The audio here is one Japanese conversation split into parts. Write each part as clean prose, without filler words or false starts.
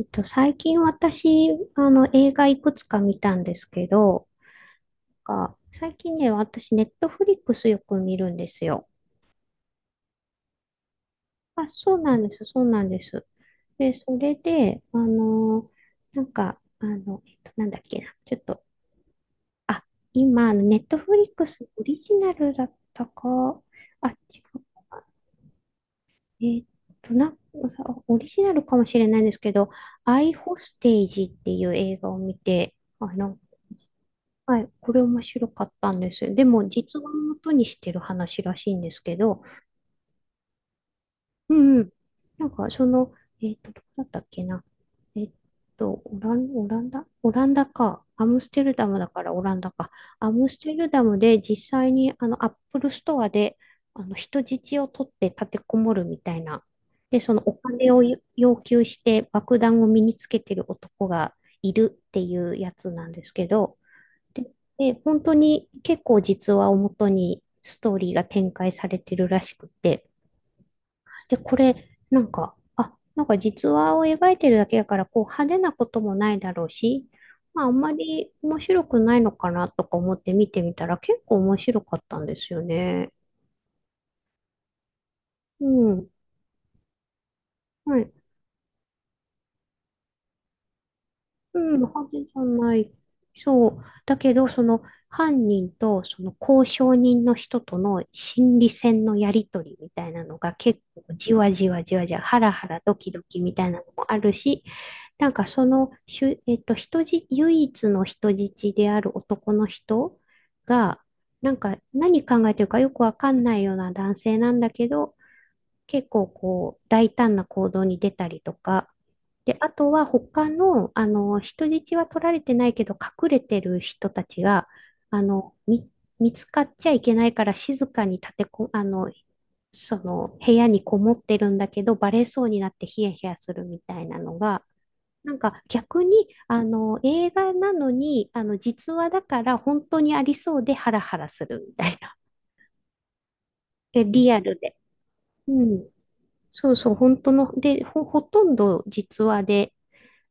最近私、映画いくつか見たんですけど、なんか最近ね、私、ネットフリックスよく見るんですよ。あ、そうなんです、そうなんです。で、それで、あのなんか、なんだっけな、ちょっと、あ、今、ネットフリックスオリジナルだったか、あ、違う、えっと、な、オリジナルかもしれないんですけど、アイホステージっていう映画を見て、あ、なんはい、これ面白かったんです。でも、実話をもとにしてる話らしいんですけど、うんうん。なんか、その、どこだったっけな。えっオランダオランダか。アムステルダムだからオランダか。アムステルダムで実際に、アップルストアで、人質を取って立てこもるみたいな。で、そのお金を要求して爆弾を身につけてる男がいるっていうやつなんですけど、で、で本当に結構実話をもとにストーリーが展開されてるらしくて、で、これ、なんか実話を描いてるだけだから、こう派手なこともないだろうし、まあ、あんまり面白くないのかなとか思って見てみたら結構面白かったんですよね。うん。はい。うん、犯人じゃない。そう。だけど、その犯人とその交渉人の人との心理戦のやりとりみたいなのが結構じわじわじわじわ、ハラハラドキドキみたいなのもあるし、なんかそのしゅ、えっと、人じ、唯一の人質である男の人が、なんか何考えてるかよくわかんないような男性なんだけど、結構こう大胆な行動に出たりとか、で、あとは他の、人質は取られてないけど隠れてる人たちが、あの、み、見つかっちゃいけないから静かに立てこ、あの、その部屋にこもってるんだけどバレそうになってヒヤヒヤするみたいなのが、なんか逆に、映画なのに、実話だから本当にありそうでハラハラするみたいな。え、リアルで。うん。そうそう、本当の、で、ほ、ほとんど実話で、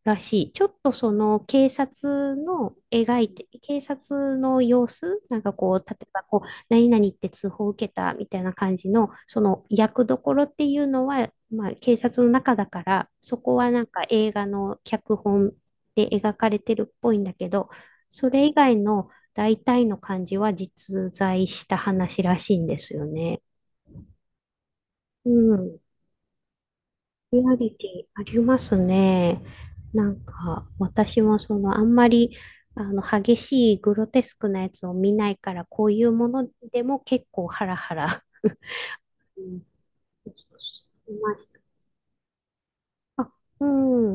らしい。ちょっとその警察の様子、なんかこう、例えばこう、何々って通報を受けたみたいな感じの、その役どころっていうのは、まあ警察の中だから、そこはなんか映画の脚本で描かれてるっぽいんだけど、それ以外の大体の感じは実在した話らしいんですよね。うん。リアリティありますね。なんか、私もその、あんまり、激しいグロテスクなやつを見ないから、こういうものでも結構ハラハラうんしました。あ、う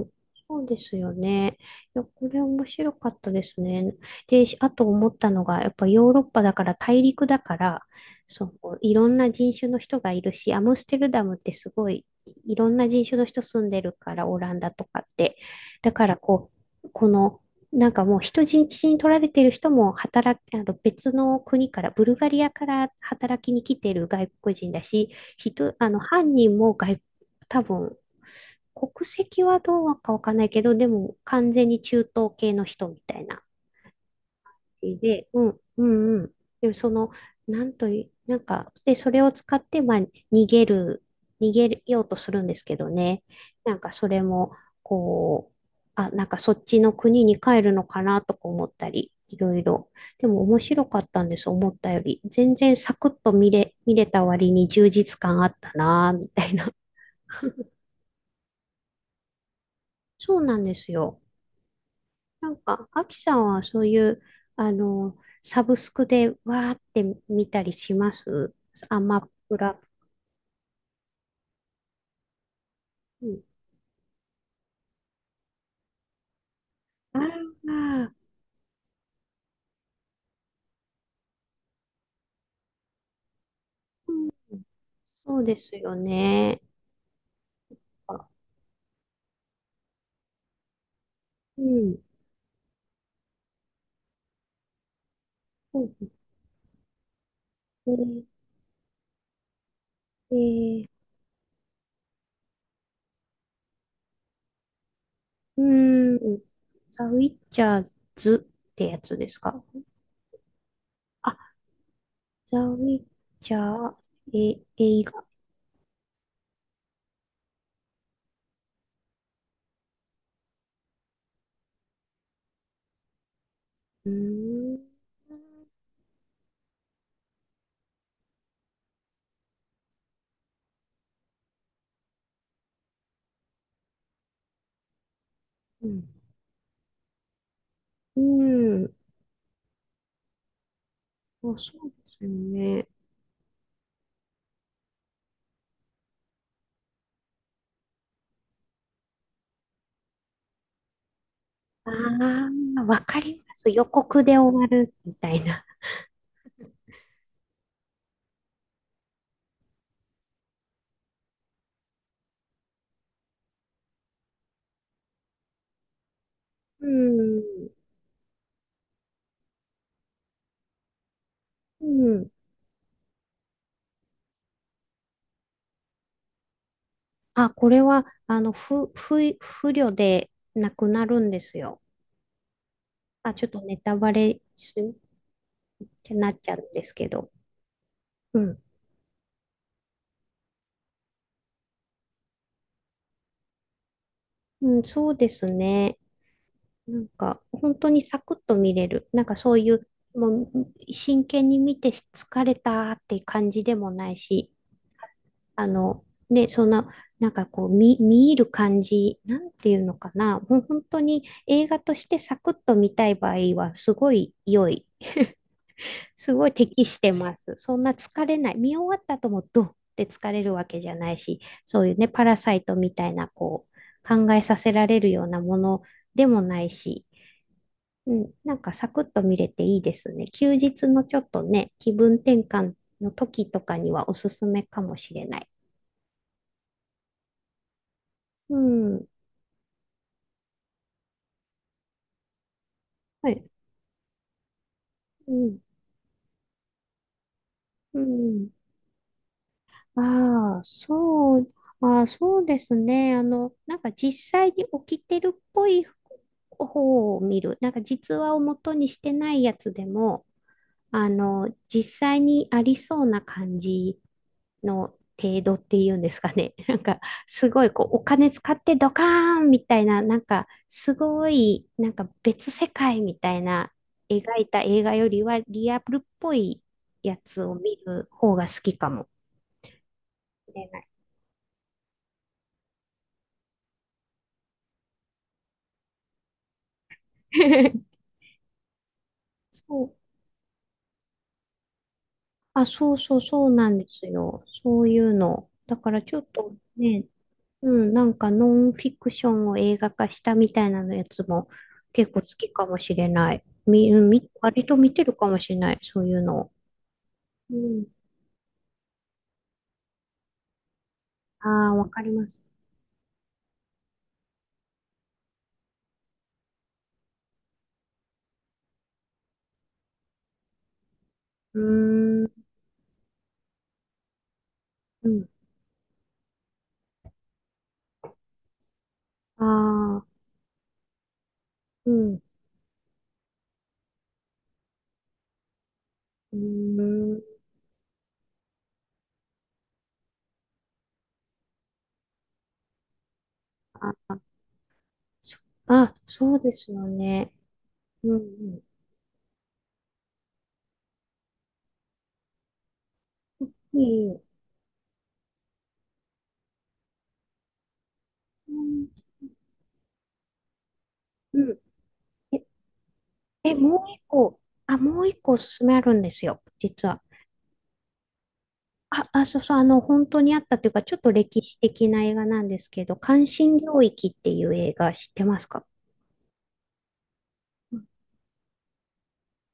ん。そうですよね。いや、これ面白かったですね。で、しあと思ったのが、やっぱヨーロッパだから大陸だから、そういろんな人種の人がいるし、アムステルダムってすごいいろんな人種の人住んでるから、オランダとかって。だからこう、この、なんかもう人質に取られてる人も働き、あの別の国から、ブルガリアから働きに来てる外国人だし、人、あの犯人も多分国籍はどうかわかんないけど、でも完全に中東系の人みたいなで、うん、うん、うん。でもその、なんという、なんか、で、それを使って、まあ、逃げる、逃げようとするんですけどね。なんかそれも、こう、あ、なんかそっちの国に帰るのかなとか思ったり、いろいろ。でも面白かったんです、思ったより。全然サクッと見れ、見れた割に充実感あったな、みたいな。そうなんですよ。なんか、アキさんはそういう、サブスクでわーって見たりしますアマプラ。うん、ああ、うん、そうですよね。あうん。そうですね。えー、うーん。ザ・ウィッチャーズってやつですかあ、ザ・ウィッチャー、え、映画。うーん。うん。うん。あ、そうですよね。ああ、わかります。予告で終わるみたいな。うん。うん。あ、これは、あの、不慮でなくなるんですよ。あ、ちょっとネタバレしなっちゃうんですけど。うん。うん、そうですね。なんか、本当にサクッと見れる。なんかそういう、もう、真剣に見て疲れたって感じでもないし、あの、ね、そんな、なんかこう、見入る感じ、なんていうのかな。本当に映画としてサクッと見たい場合は、すごい良い。すごい適してます。そんな疲れない。見終わった後もドンって疲れるわけじゃないし、そういうね、パラサイトみたいな、こう、考えさせられるようなものでもないし、うん、なんかサクッと見れていいですね。休日のちょっとね、気分転換の時とかにはおすすめかもしれない。うん。はいうんうん。ああ、そう、ああ、そうですね。なんか実際に起きてるっぽい方を見る。なんか実話を元にしてないやつでも、実際にありそうな感じの程度っていうんですかね。なんか、すごいこう、お金使ってドカーンみたいな、なんか、すごい、なんか別世界みたいな描いた映画よりはリアルっぽいやつを見る方が好きかもしれない。そう。あ、そうそうそうなんですよ。そういうの。だからちょっとね、うん、なんかノンフィクションを映画化したみたいなのやつも結構好きかもしれない。み、うんみ、割と見てるかもしれない、そういうのを。うん。ああ、わかります。うーん。うん。ああ、うん。うーん。ああ、そ、あ、そうですよね。うん、うん。いいよ。うん。うんえ、もう一個。あ、もう一個おすすめあるんですよ、実は。そうそう、あの、本当にあったというか、ちょっと歴史的な映画なんですけど、関心領域っていう映画知ってますか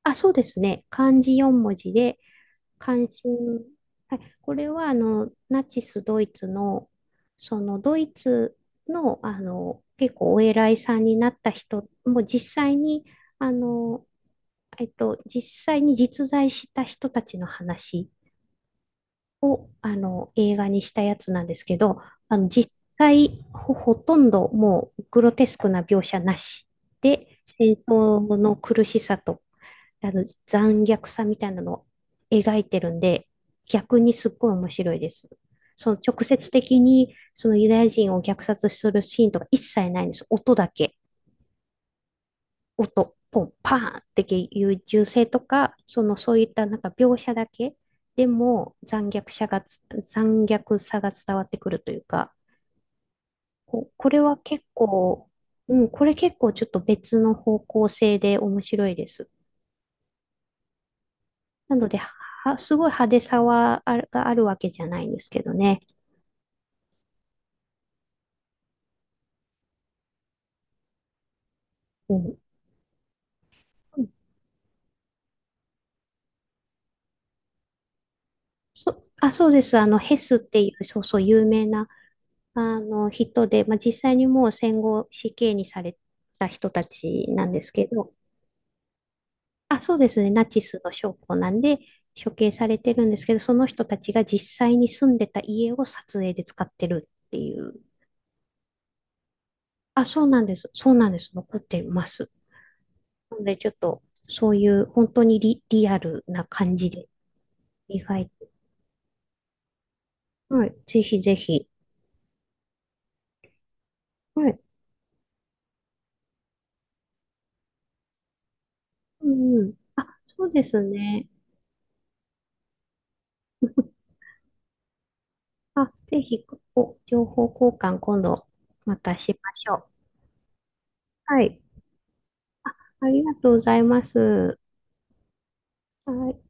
あ、そうですね。漢字四文字で、関心。はい、これは、あの、ナチスドイツの、その、ドイツの、あの、結構お偉いさんになった人もう実際に、あの、実際に実在した人たちの話を、あの、映画にしたやつなんですけど、あの、実際、ほとんどもうグロテスクな描写なしで、戦争の苦しさと、あの、残虐さみたいなのを描いてるんで、逆にすっごい面白いです。その直接的に、そのユダヤ人を虐殺するシーンとか一切ないんです。音だけ。音、ポン、パーンっていう銃声とか、そのそういったなんか描写だけでも残虐さが伝わってくるというか、これは結構、うん、これ結構ちょっと別の方向性で面白いです。なので、は、すごい派手さはある、があるわけじゃないんですけどね。うん。そ、あ、そうです。あの、ヘスっていう、そうそう、有名な、あの、人で、まあ、実際にもう戦後死刑にされた人たちなんですけど、あ、そうですね。ナチスの将校なんで、処刑されてるんですけど、その人たちが実際に住んでた家を撮影で使ってるっていう。あ、そうなんです。そうなんです。残ってます。なので、ちょっと、そういう本当にリアルな感じで、意外と。はい。ぜひぜひ。はい。うんうん。あ、そうですね。あ、ぜひ、お、情報交換今度またしましょう。はい。ありがとうございます。はい。